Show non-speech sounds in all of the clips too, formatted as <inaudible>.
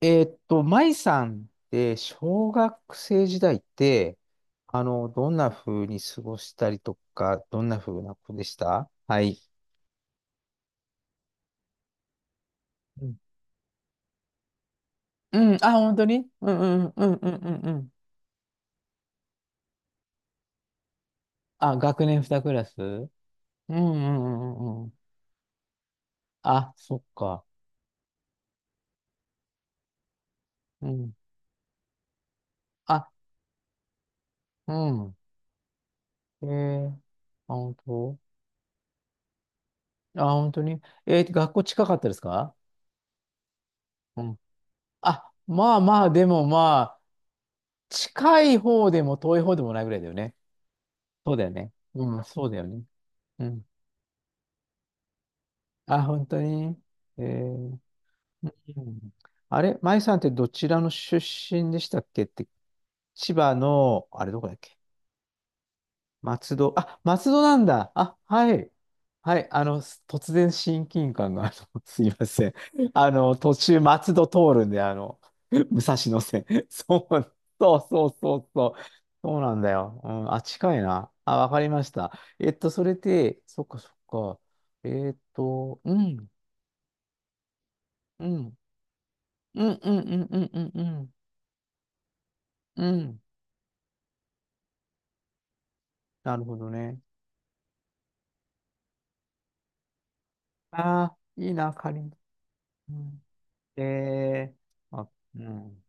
舞さんって小学生時代って、どんな風に過ごしたりとか、どんな風な子でした。はい。うん、うん。あ、本当に。うんうんうんうんうんうん。あ、学年2クラス。うんうんうんうんうん。あ、そっか。うん。あ、うん。えー、あ、本当。あ、本当に。えー、学校近かったですか？うん。あ、まあまあ、でもまあ、近い方でも遠い方でもないぐらいだよね。そうだよね。うん、そうだよね。うん。あ、本当に。えー、うん。あれ、舞さんってどちらの出身でしたっけって、千葉の、あれどこだっけ？松戸。あ、松戸なんだ。あ、はい。はい。す突然親近感が、<laughs> すいません。途中松戸通るんで、武蔵野線。<laughs> そう、そうそうそうそう。そうなんだよ。うん、あ、近いな。あ、わかりました。それで、そっかそっか。うん、うん、うん、うん、うん、うん、うん、うん。うん。なるほどね。ああ、いいな、仮に。うん、えー、あ、うん。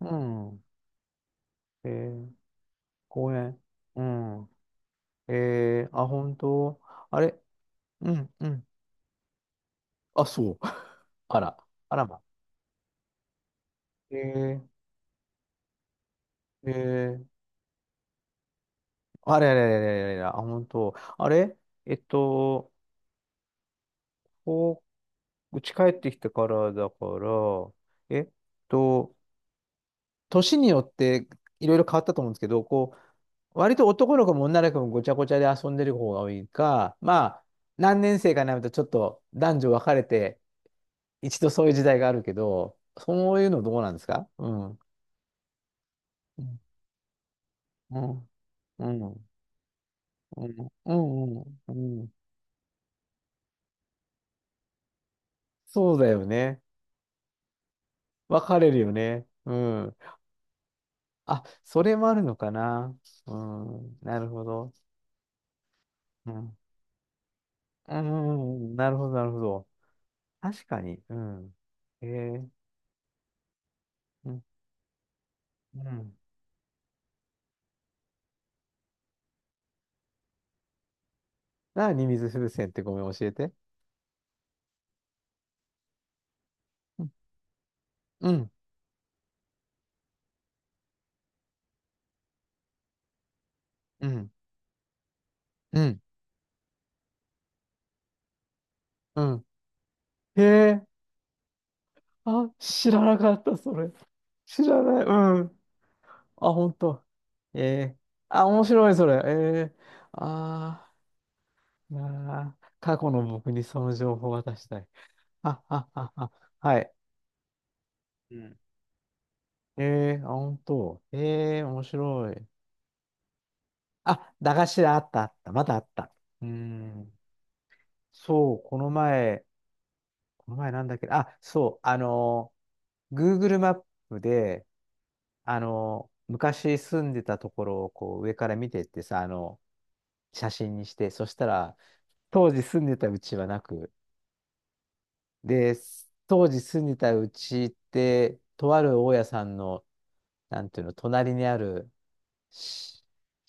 うん。えー、公園。うん。えー、あ、本当。あれ、うん、うん。あ、そう。<laughs> あら。あらま。えー、えー、あれあれあれあれあれあれ、あ、本当。あれえっと、こう、うち帰ってきてからだから、えっと、年によっていろいろ変わったと思うんですけど、こう、割と男の子も女の子もごちゃごちゃで遊んでる方が多いか、まあ、何年生かになるとちょっと男女分かれて、一度そういう時代があるけど、そういうのどうなんですか？うん。うん。うん。うん。うん。うん。うんうん。そうだよね。分かれるよね。うん。あ、それもあるのかな。うん。なるほど。うん。うん。うん。なるほど、なるほど。確かに。うん。えー、うん。うん。何、水風船ってごめん、教えて。うん。うん。うん。うん。うん。へえ。あ、知らなかった、それ。知らない。うん。あ、本当。ええ、あ、面白い、それ。ええ、あー、あー、な過去の僕にその情報を渡したい。あ、あ、あ、あ、はい。うん。ええ、あ、本当。ええ、面白い。あ、駄菓子だ、あった、あった。まだあった。うーん。そう、この前、この前なんだっけ、あ、そう、Google マップで、あの昔住んでたところをこう上から見てってさ、写真にして、そしたら、当時住んでたうちはなく、で、当時住んでたうちって、とある大家さんの、なんていうの、隣にあるし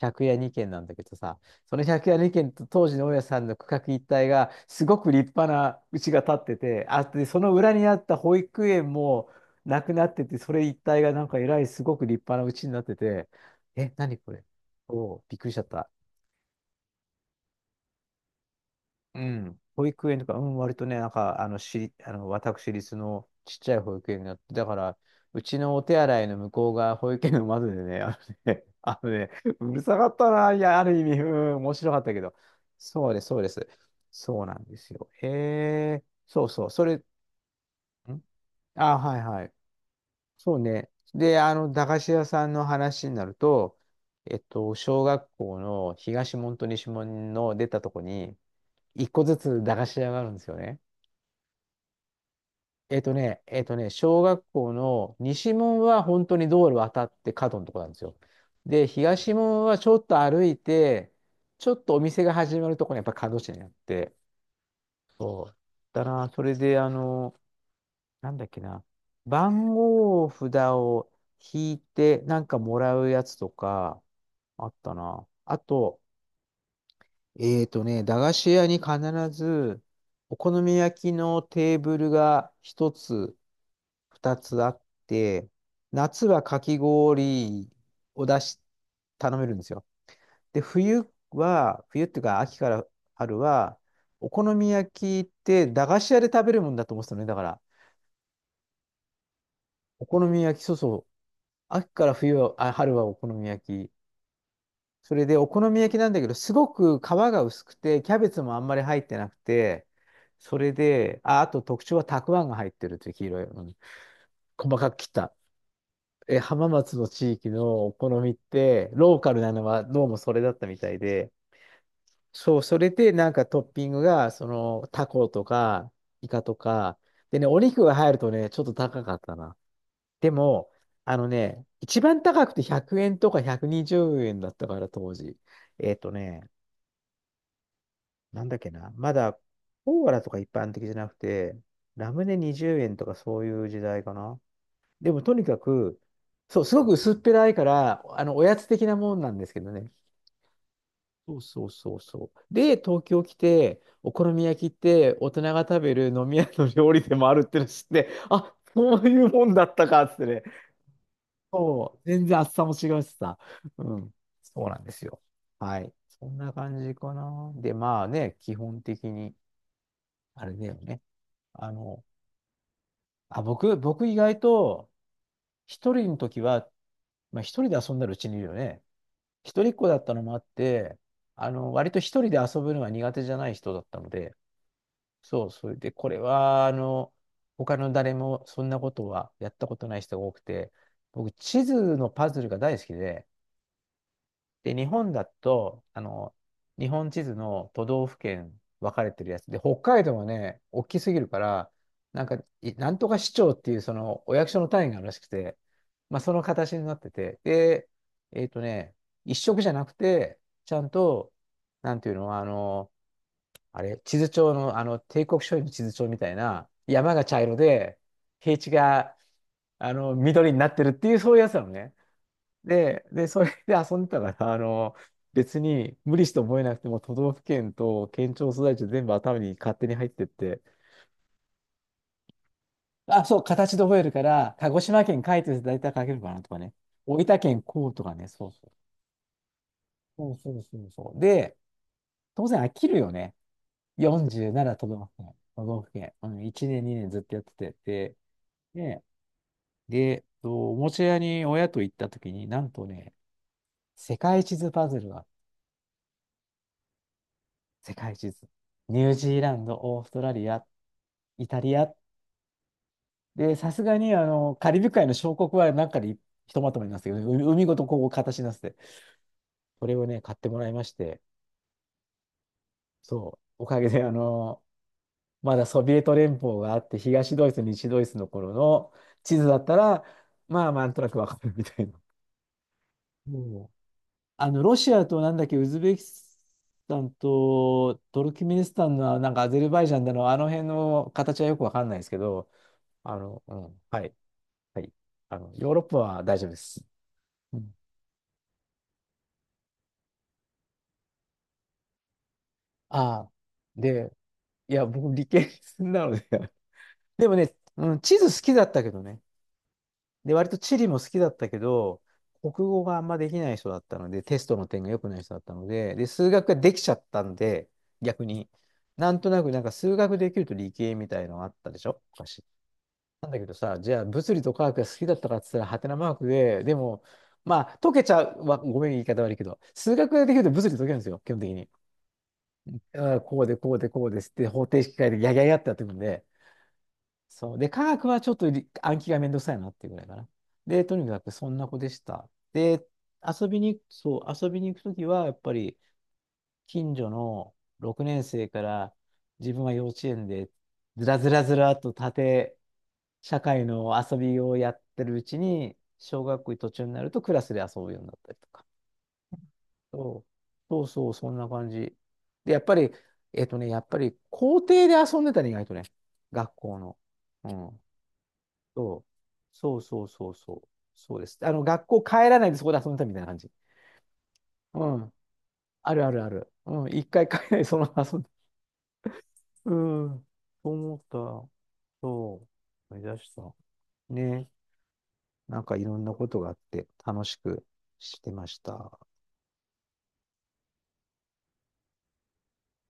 借家にけん軒なんだけどさ、その借家二軒と当時の大家さんの区画一帯が、すごく立派な家が建ってて、あ、で、その裏にあった保育園もなくなってて、それ一帯がなんかえらいすごく立派な家になってて、え、何これ？おうびっくりしちゃった。うん。保育園とか、うん、割とね、なんか、しり、私立のちっちゃい保育園になって、だから、うちのお手洗いの向こうが保育園の窓でね、あのね、<laughs> あのね、うるさかったな、いや、ある意味、うん、面白かったけど、そうです、そうです。そうなんですよ。へえ、そうそう、それ、ん、あ、はいはい。そうね。で、駄菓子屋さんの話になると、小学校の東門と西門の出たとこに、一個ずつ駄菓子屋があるんですよね。えっとね、えっとね、小学校の西門は本当に道路渡って角のとこなんですよ。で、東門はちょっと歩いて、ちょっとお店が始まるとこにやっぱ角地にあって。そうだな、それで、なんだっけな、番号札を引いてなんかもらうやつとか、あったな。あと、駄菓子屋に必ず、お好み焼きのテーブルが一つ、二つあって、夏はかき氷を出し、頼めるんですよ。で、冬は、冬っていうか秋から春は、お好み焼きって駄菓子屋で食べるもんだと思ってたのね。だから、お好み焼き、そうそう、秋から冬は、あ、春はお好み焼き。それでお好み焼きなんだけど、すごく皮が薄くて、キャベツもあんまり入ってなくて、それで、あ、あと特徴はたくあんが入ってるっていう黄色い、うん、細かく切った。え、浜松の地域のお好みって、ローカルなのはどうもそれだったみたいで、そう、それでなんかトッピングが、その、タコとか、イカとか、でね、お肉が入るとね、ちょっと高かったな。でも、あのね、一番高くて100円とか120円だったから当時。えっとね、なんだっけな、まだコーラとか一般的じゃなくて、ラムネ20円とかそういう時代かな。でもとにかく、そう、すごく薄っぺらいから、おやつ的なもんなんですけどね。そうそうそうそう。で、東京来て、お好み焼きって大人が食べる飲み屋の料理でもあるっての知って、あ、そういうもんだったかっつってね。そう、全然厚さも違うしさ。うん。そうなんですよ。はい。そんな感じかな。で、まあね、基本的に、あれだよね。あの、あ、僕意外と、一人の時は、まあ一人で遊んだらうちにいるよね。一人っ子だったのもあって、割と一人で遊ぶのが苦手じゃない人だったので、そう、それで、これは、他の誰もそんなことはやったことない人が多くて、僕、地図のパズルが大好きで、で、日本だと、日本地図の都道府県分かれてるやつで、北海道はね、大きすぎるから、なんか、いなんとか市長っていうそのお役所の単位があるらしくて、まあ、その形になってて、で、えっとね、一色じゃなくて、ちゃんと、なんていうの、あれ、地図帳の、帝国書院の地図帳みたいな、山が茶色で、平地が、緑になってるっていう、そういうやつなのね。で、で、それで遊んでたから、別に無理して覚えなくても、都道府県と県庁所在地全部頭に勝手に入ってって、あ、そう、形で覚えるから、鹿児島県書いてると大体書けるかなとかね、大分県こうとかね、そうそう。そうそうそうそう。で、当然飽きるよね。47都道府県、都道府県。うん、1年、2年ずっとやってて、で、ね、で、とおもちゃ屋に親と行った時に、なんとね、世界地図パズルが世界地図。ニュージーランド、オーストラリア、イタリア。で、さすがに、カリブ海の小国はなんかでひとまとめになってたけど、海海ごとこう形になってて、これをね、買ってもらいまして、そう、おかげで、まだソビエト連邦があって、東ドイツ、西ドイツの頃の地図だったら、まあ、なんとなくわかるみたいな。もうロシアとなんだっけ、ウズベキスタンとトルキメニスタンの、なんかアゼルバイジャンだの、あの辺の形はよくわかんないですけど、うん、はい、はい。ヨーロッパは大丈夫です。うん、ああ、で、いや、僕、理系なので <laughs> でもね、うん、地図好きだったけどね。で、割と地理も好きだったけど、国語があんまできない人だったので、テストの点が良くない人だったので、で、数学ができちゃったんで、逆に、なんとなくなんか数学できると理系みたいのがあったでしょ昔。なんだけどさ、じゃあ物理と科学が好きだったかっつったら、はてなマークで、でも、まあ、解けちゃう、わごめん、言い方悪いけど、数学ができると物理解けるんですよ、基本的に。あーこうで、こうで、こうですって、方程式変えて、やややってやってくんで、そう。で、科学はちょっとり暗記がめんどくさいなっていうぐらいかな。で、とにかくそんな子でした。で、遊びに、そう、遊びに行くときは、やっぱり、近所の6年生から自分は幼稚園でずらずらずらっと縦社会の遊びをやってるうちに小学校途中になるとクラスで遊ぶようになったりとか。そうそうそう、そんな感じ。で、やっぱり、やっぱり校庭で遊んでたね、意外とね、学校の。うん。そうそうそうそうそう。そうです。学校帰らないでそこで遊んでたみたいな感じ。うん。あるあるある。うん。一回帰らないでそのまま遊んで。うん。そう思った。そう。思い出した。ね。なんかいろんなことがあって楽しくしてました。